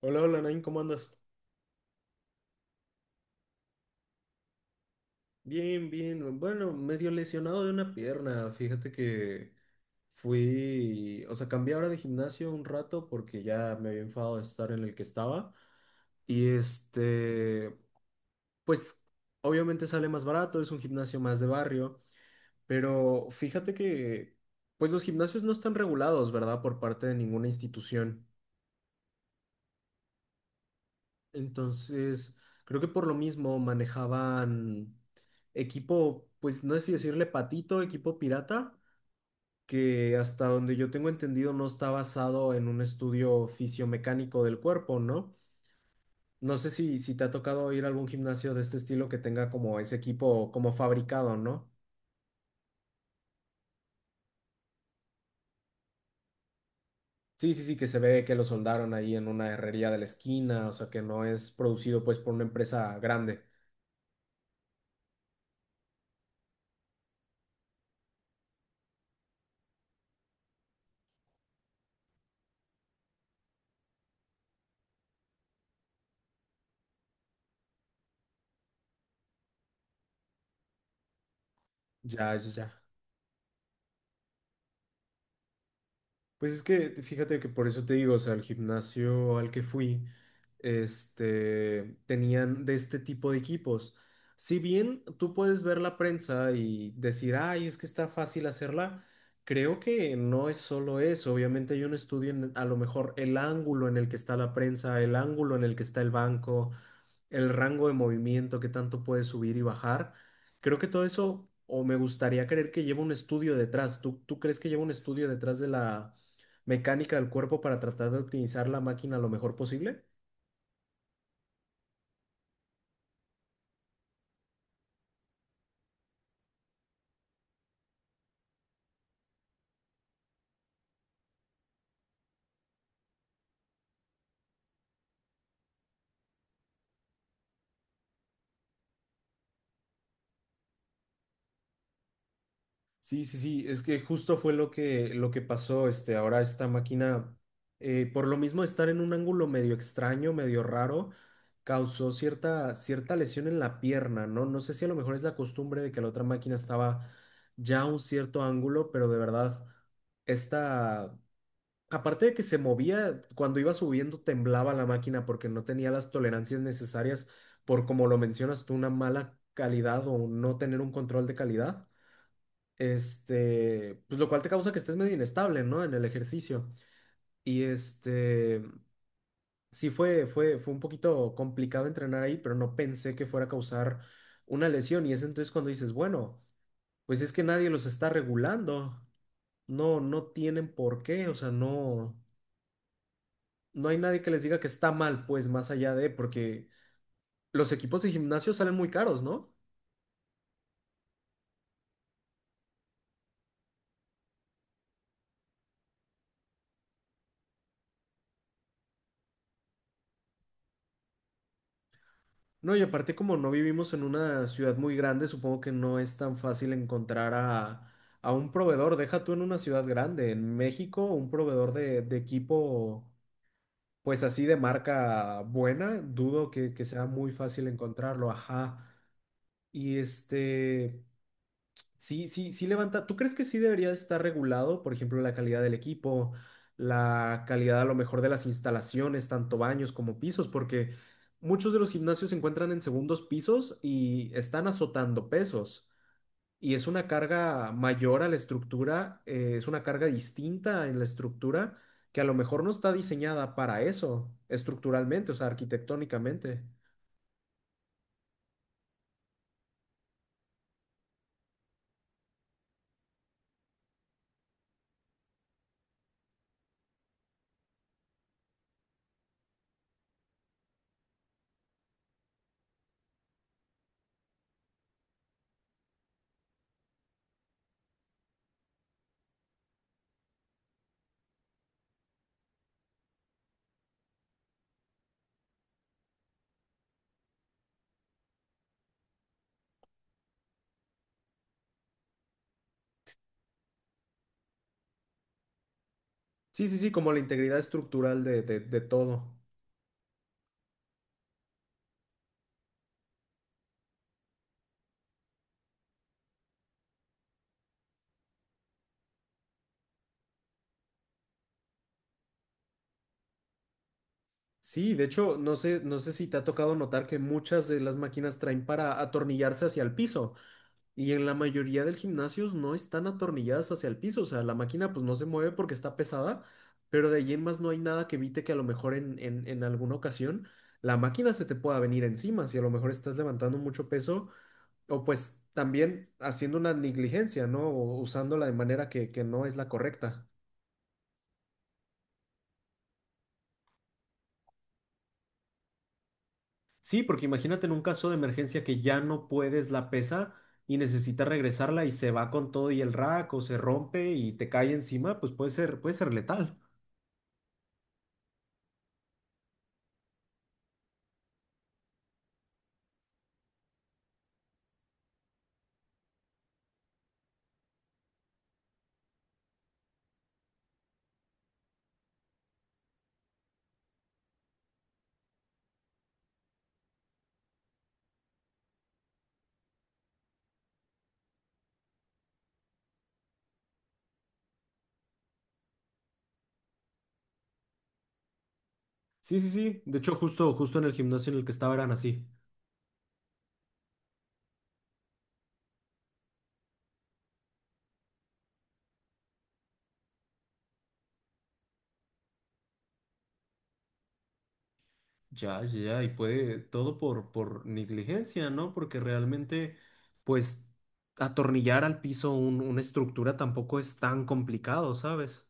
Hola, hola, Nain, ¿cómo andas? Bien, bien. Bueno, medio lesionado de una pierna. Fíjate que fui, o sea, cambié ahora de gimnasio un rato porque ya me había enfadado de estar en el que estaba. Y pues obviamente sale más barato, es un gimnasio más de barrio, pero fíjate que, pues los gimnasios no están regulados, ¿verdad? Por parte de ninguna institución. Entonces, creo que por lo mismo manejaban equipo, pues no sé si decirle patito, equipo pirata, que hasta donde yo tengo entendido no está basado en un estudio fisiomecánico del cuerpo, ¿no? No sé si, te ha tocado ir a algún gimnasio de este estilo que tenga como ese equipo como fabricado, ¿no? Sí, sí, sí, que se ve que lo soldaron ahí en una herrería de la esquina, o sea, que no es producido pues por una empresa grande. Ya, ya, ya. Pues es que fíjate que por eso te digo, o sea, el gimnasio al que fui, tenían de este tipo de equipos. Si bien tú puedes ver la prensa y decir, ay, es que está fácil hacerla, creo que no es solo eso. Obviamente hay un estudio en a lo mejor el ángulo en el que está la prensa, el ángulo en el que está el banco, el rango de movimiento, qué tanto puedes subir y bajar. Creo que todo eso, o me gustaría creer que lleva un estudio detrás. ¿Tú, crees que lleva un estudio detrás de la mecánica del cuerpo para tratar de optimizar la máquina lo mejor posible? Sí, sí, sí, es que justo fue lo que, pasó, este, ahora esta máquina, por lo mismo de estar en un ángulo medio extraño, medio raro, causó cierta, lesión en la pierna, ¿no? No sé si a lo mejor es la costumbre de que la otra máquina estaba ya a un cierto ángulo, pero de verdad, esta, aparte de que se movía, cuando iba subiendo temblaba la máquina porque no tenía las tolerancias necesarias por, como lo mencionas tú, una mala calidad o no tener un control de calidad. Este, pues lo cual te causa que estés medio inestable, ¿no? En el ejercicio. Y sí fue, fue un poquito complicado entrenar ahí, pero no pensé que fuera a causar una lesión. Y es entonces cuando dices, bueno, pues es que nadie los está regulando. No, no tienen por qué, o sea, no. No hay nadie que les diga que está mal, pues más allá de, porque los equipos de gimnasio salen muy caros, ¿no? No, y aparte como no vivimos en una ciudad muy grande, supongo que no es tan fácil encontrar a un proveedor. Deja tú en una ciudad grande, en México, un proveedor de, equipo, pues así de marca buena, dudo que, sea muy fácil encontrarlo, ajá. Y sí, sí, sí levanta. ¿Tú crees que sí debería estar regulado, por ejemplo, la calidad del equipo, la calidad a lo mejor de las instalaciones, tanto baños como pisos? Porque muchos de los gimnasios se encuentran en segundos pisos y están azotando pesos. Y es una carga mayor a la estructura, es una carga distinta en la estructura que a lo mejor no está diseñada para eso, estructuralmente, o sea, arquitectónicamente. Sí, sí, sí, como la integridad estructural de, de todo. Sí, de hecho, no sé, si te ha tocado notar que muchas de las máquinas traen para atornillarse hacia el piso y en la mayoría del gimnasios no están atornilladas hacia el piso, o sea, la máquina pues no se mueve porque está pesada, pero de ahí en más no hay nada que evite que a lo mejor en, en alguna ocasión la máquina se te pueda venir encima, si a lo mejor estás levantando mucho peso o pues también haciendo una negligencia, ¿no? O usándola de manera que, no es la correcta. Sí, porque imagínate en un caso de emergencia que ya no puedes la pesa y necesitas regresarla y se va con todo y el rack o se rompe y te cae encima, pues puede ser, letal. Sí, sí, sí. De hecho, justo, en el gimnasio en el que estaba eran así. Ya, ya, ya, y puede todo por, negligencia, ¿no? Porque realmente, pues, atornillar al piso una estructura tampoco es tan complicado, ¿sabes?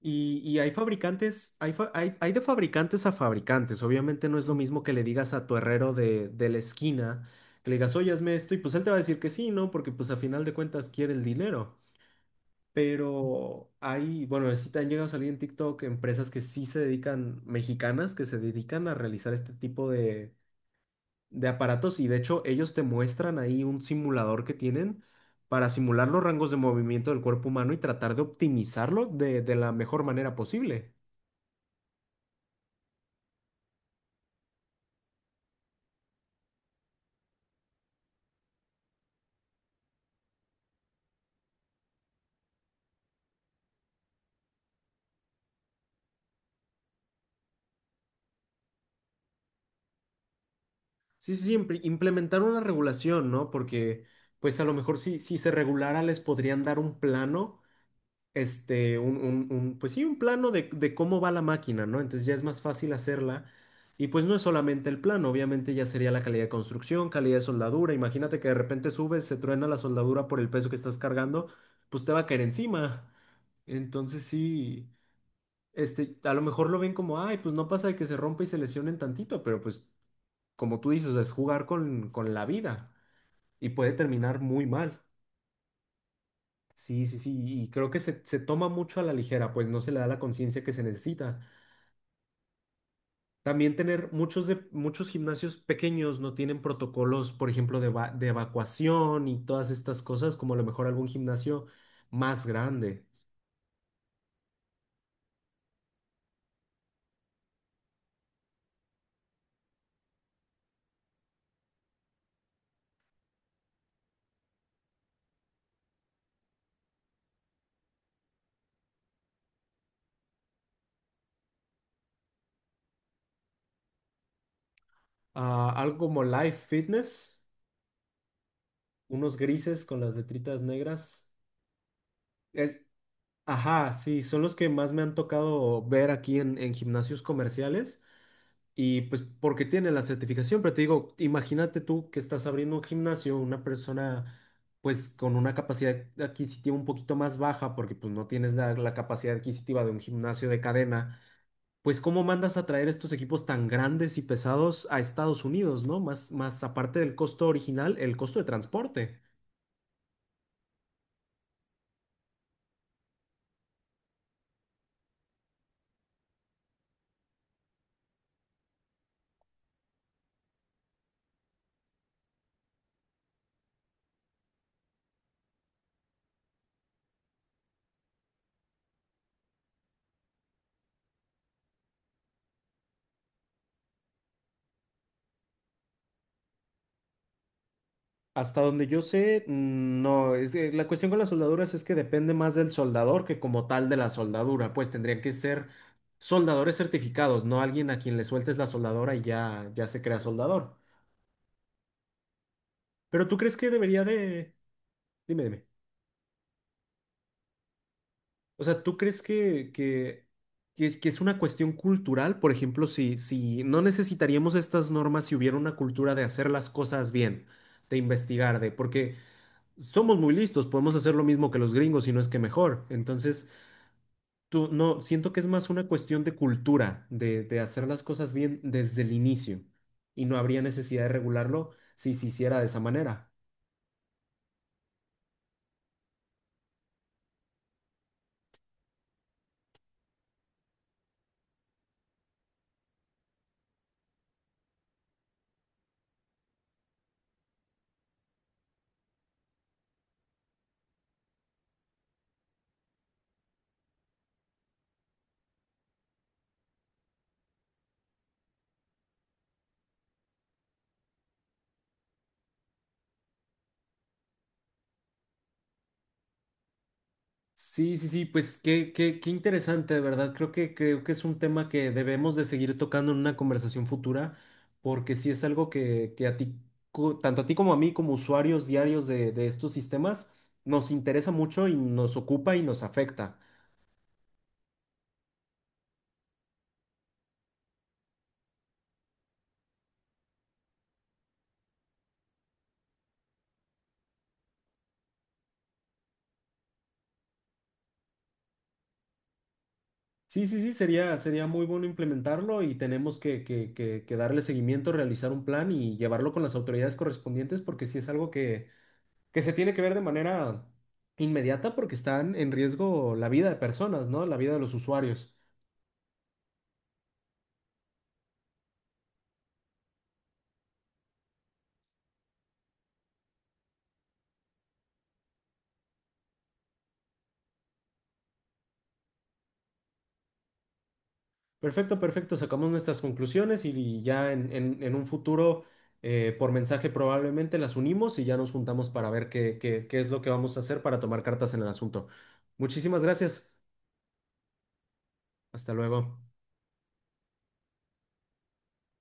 Y, hay fabricantes, hay, de fabricantes a fabricantes. Obviamente no es lo mismo que le digas a tu herrero de, la esquina, que le digas, oye, hazme esto, y pues él te va a decir que sí, ¿no? Porque pues a final de cuentas quiere el dinero. Pero hay, bueno, sí te han llegado a salir en TikTok empresas que sí se dedican, mexicanas, que se dedican a realizar este tipo de, aparatos, y de hecho ellos te muestran ahí un simulador que tienen para simular los rangos de movimiento del cuerpo humano y tratar de optimizarlo de la mejor manera posible. Sí, sí, sí, implementar una regulación, ¿no? Porque, pues a lo mejor si, se regulara les podrían dar un plano, este, pues sí, un plano de, cómo va la máquina, ¿no? Entonces ya es más fácil hacerla. Y pues no es solamente el plano, obviamente ya sería la calidad de construcción, calidad de soldadura. Imagínate que de repente subes, se truena la soldadura por el peso que estás cargando, pues te va a caer encima. Entonces sí, a lo mejor lo ven como, ay, pues no pasa de que se rompa y se lesionen tantito, pero pues como tú dices, es jugar con, la vida y puede terminar muy mal. Sí, sí, sí, y creo que se, toma mucho a la ligera, pues no se le da la conciencia que se necesita. También tener muchos, muchos gimnasios pequeños no tienen protocolos, por ejemplo, de, de evacuación y todas estas cosas, como a lo mejor algún gimnasio más grande. Ah, algo como Life Fitness, unos grises con las letritas negras. Es, ajá, sí, son los que más me han tocado ver aquí en gimnasios comerciales. Y pues porque tiene la certificación, pero te digo, imagínate tú que estás abriendo un gimnasio, una persona pues con una capacidad adquisitiva un poquito más baja, porque pues no tienes la, capacidad adquisitiva de un gimnasio de cadena, pues cómo mandas a traer estos equipos tan grandes y pesados a Estados Unidos, ¿no? Más, aparte del costo original, el costo de transporte. Hasta donde yo sé, no, es que la cuestión con las soldaduras es que depende más del soldador que como tal de la soldadura, pues tendrían que ser soldadores certificados, no alguien a quien le sueltes la soldadora y ya, se crea soldador. Pero tú crees que debería de... Dime, dime. O sea, ¿tú crees que, que es, que es una cuestión cultural? Por ejemplo, si, no necesitaríamos estas normas si hubiera una cultura de hacer las cosas bien, de investigar, de... Porque somos muy listos, podemos hacer lo mismo que los gringos, y no es que mejor. Entonces... Tú, no, siento que es más una cuestión de cultura, de, hacer las cosas bien desde el inicio. Y no habría necesidad de regularlo si se hiciera de esa manera. Sí, sí, sí, pues qué, qué interesante, de verdad. Creo que, es un tema que debemos de seguir tocando en una conversación futura, porque sí es algo que, a ti, tanto a ti como a mí, como usuarios diarios de, estos sistemas, nos interesa mucho y nos ocupa y nos afecta. Sí, sí, sí, sería, muy bueno implementarlo, y tenemos que, que darle seguimiento, realizar un plan y llevarlo con las autoridades correspondientes porque sí es algo que, se tiene que ver de manera inmediata porque están en riesgo la vida de personas, ¿no? La vida de los usuarios. Perfecto, perfecto, sacamos nuestras conclusiones y, ya en, un futuro por mensaje probablemente las unimos y ya nos juntamos para ver qué, qué es lo que vamos a hacer para tomar cartas en el asunto. Muchísimas gracias. Hasta luego.